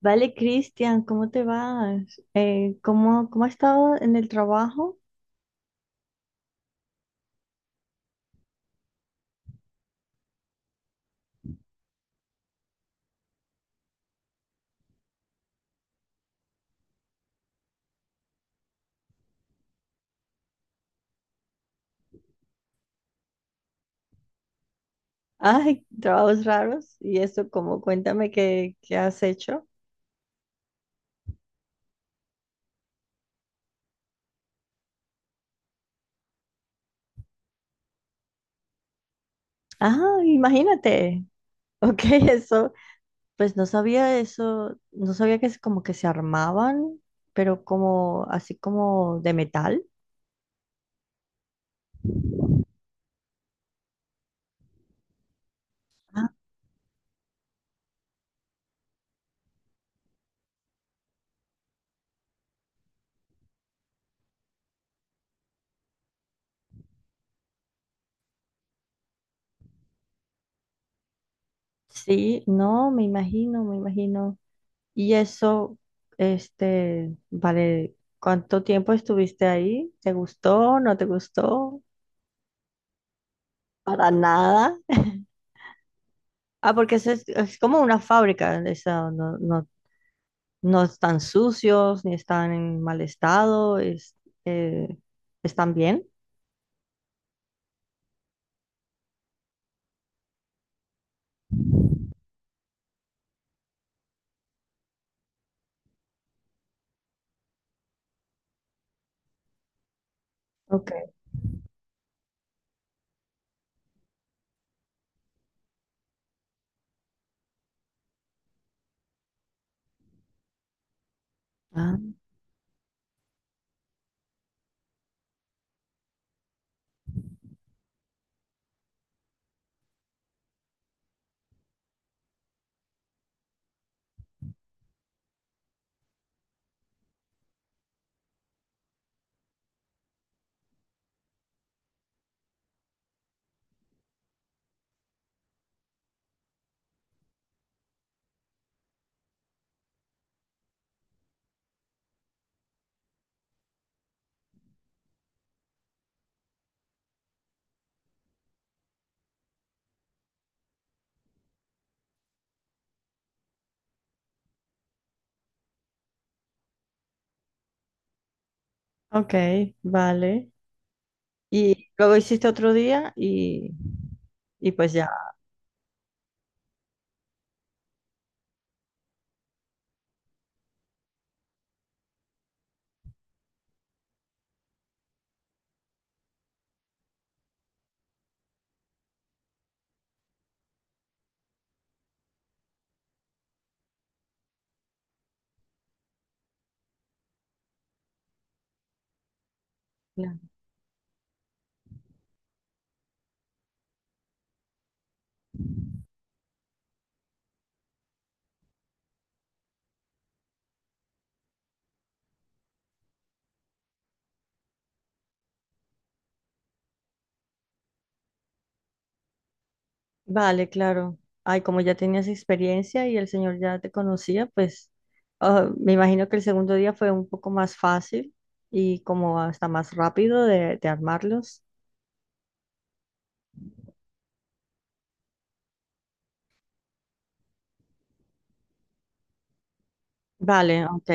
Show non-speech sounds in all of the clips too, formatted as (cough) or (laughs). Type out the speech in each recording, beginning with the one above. Vale, Cristian, ¿cómo te vas? ¿Cómo has estado en el trabajo? (laughs) Ay, trabajos raros. ¿Y eso cómo? Cuéntame qué has hecho. Ah, imagínate. Ok, (laughs) eso. Pues no sabía eso. No sabía que es como que se armaban, pero como así como de metal. Ah, sí, no, me imagino, me imagino. Y eso, este, vale, ¿cuánto tiempo estuviste ahí? ¿Te gustó? ¿No te gustó? Para nada. Ah, porque eso es como una fábrica, esa, no, no, no están sucios ni están en mal estado, es, eh, están bien. Ok. Ah, ok, vale. Y luego hiciste otro día y pues ya. Claro. Vale, claro. Ay, como ya tenías experiencia y el señor ya te conocía, pues me imagino que el segundo día fue un poco más fácil y como hasta más rápido de armarlos. Vale, ok.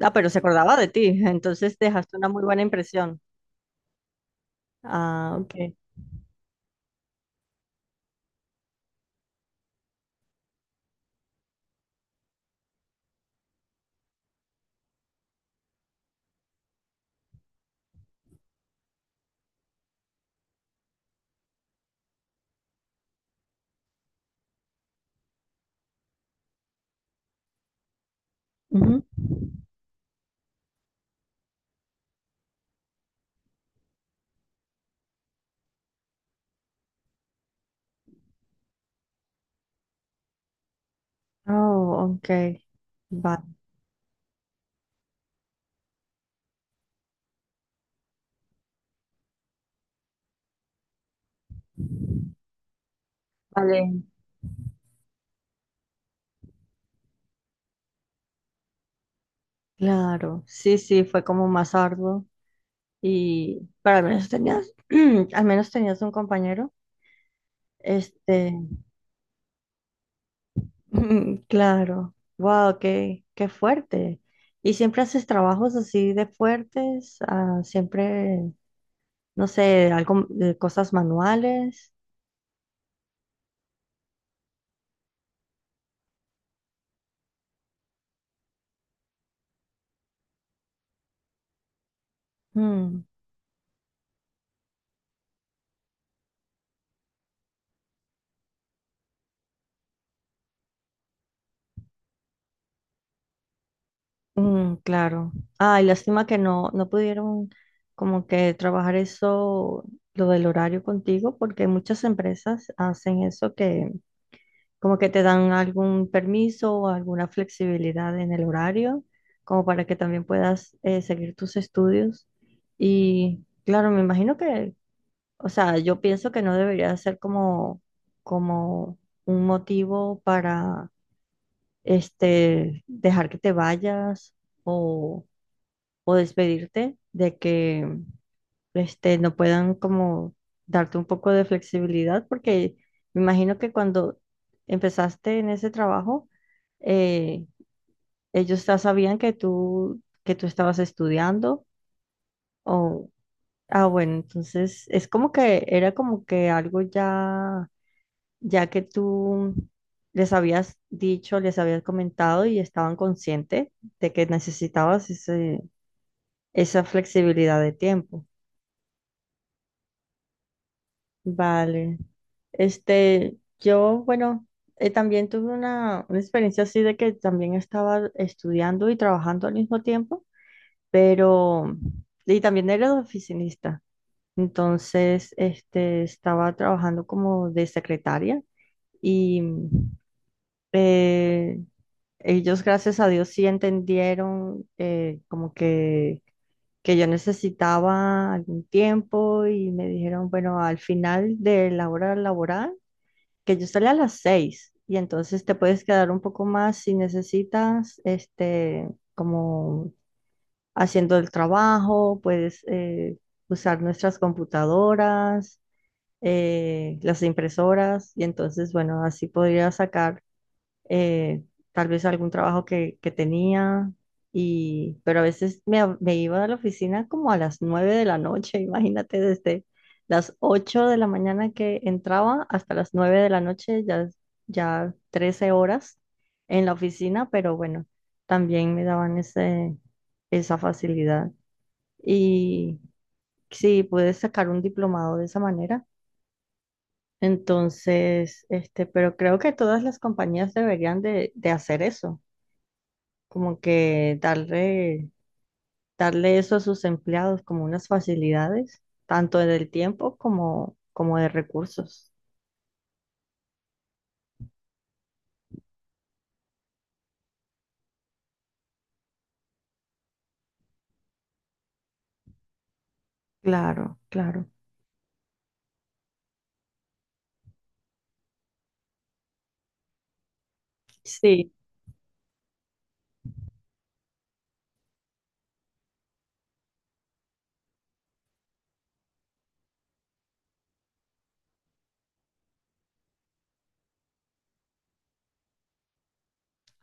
Ah, pero se acordaba de ti, entonces dejaste una muy buena impresión. Ah, ok. Ujú. Oh, ok. Va- Vale. Claro, sí, sí, fue como más arduo y pero al menos tenías, (clears throat) al menos tenías un compañero. Este, (laughs) claro, wow, qué fuerte. ¿Y siempre haces trabajos así de fuertes? Ah, siempre, no sé, algo, de cosas manuales. Mm. Mm, claro. Ay, lástima que no pudieron como que trabajar eso, lo del horario contigo, porque muchas empresas hacen eso que como que te dan algún permiso o alguna flexibilidad en el horario, como para que también puedas seguir tus estudios. Y claro, me imagino que, o sea, yo pienso que no debería ser como un motivo para este, dejar que te vayas o o despedirte de que este, no puedan como darte un poco de flexibilidad, porque me imagino que cuando empezaste en ese trabajo, eh, ellos ya sabían que tú estabas estudiando o, bueno, entonces es como que era como que algo ya que tú les habías dicho, les habías comentado y estaban conscientes de que necesitabas esa flexibilidad de tiempo. Vale. Este, yo, bueno, también tuve una experiencia así de que también estaba estudiando y trabajando al mismo tiempo, pero, y también era de oficinista. Entonces, este, estaba trabajando como de secretaria y eh, ellos, gracias a Dios, sí entendieron como que yo necesitaba algún tiempo y me dijeron, bueno, al final de la hora laboral, que yo salí a las 6 y entonces te puedes quedar un poco más si necesitas, este, como haciendo el trabajo, puedes usar nuestras computadoras, las impresoras y entonces, bueno, así podría sacar eh, tal vez algún trabajo que tenía, y, pero a veces me iba a la oficina como a las 9 de la noche, (laughs) imagínate, desde las 8 de la mañana que entraba hasta las 9 de la noche, ya 13 horas en la oficina, pero bueno, también me daban esa facilidad. Y sí, pude sacar un diplomado de esa manera. Entonces, este, pero creo que todas las compañías deberían de hacer eso como que darle eso a sus empleados como unas facilidades, tanto del tiempo como, como de recursos. Claro, claro. Sí.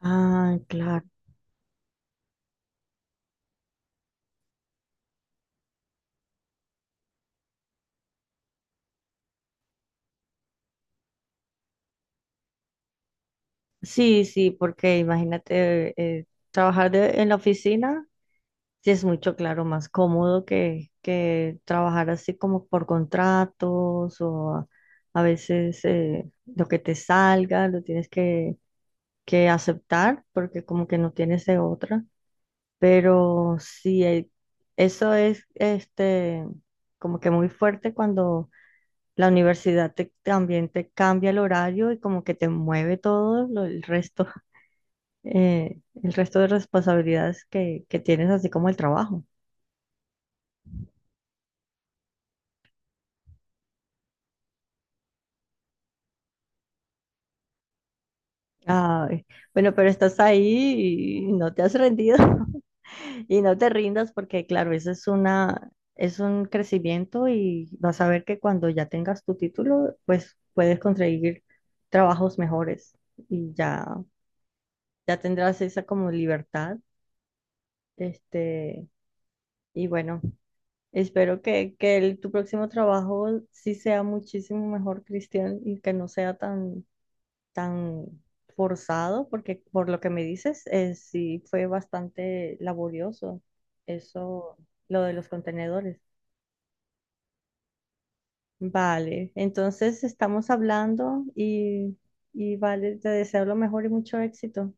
Ah, claro. Sí, sí, porque imagínate trabajar en la oficina, sí es mucho, claro, más cómodo que trabajar así como por contratos o a veces lo que te salga, lo tienes que aceptar porque como que no tienes de otra. Pero sí, eso es este, como que muy fuerte cuando la universidad también te cambia el horario y como que te mueve todo el resto, (laughs) el resto de responsabilidades que tienes, así como el trabajo. Ay, bueno, pero estás ahí y no te has rendido. (laughs) Y no te rindas porque, claro, eso es es un crecimiento y vas a ver que cuando ya tengas tu título, pues puedes conseguir trabajos mejores y ya, ya tendrás esa como libertad. Este, y bueno, espero que tu próximo trabajo sí sea muchísimo mejor, Cristian, y que no sea tan, tan forzado, porque por lo que me dices, sí fue bastante laborioso eso, lo de los contenedores. Vale, entonces estamos hablando y vale, te deseo lo mejor y mucho éxito.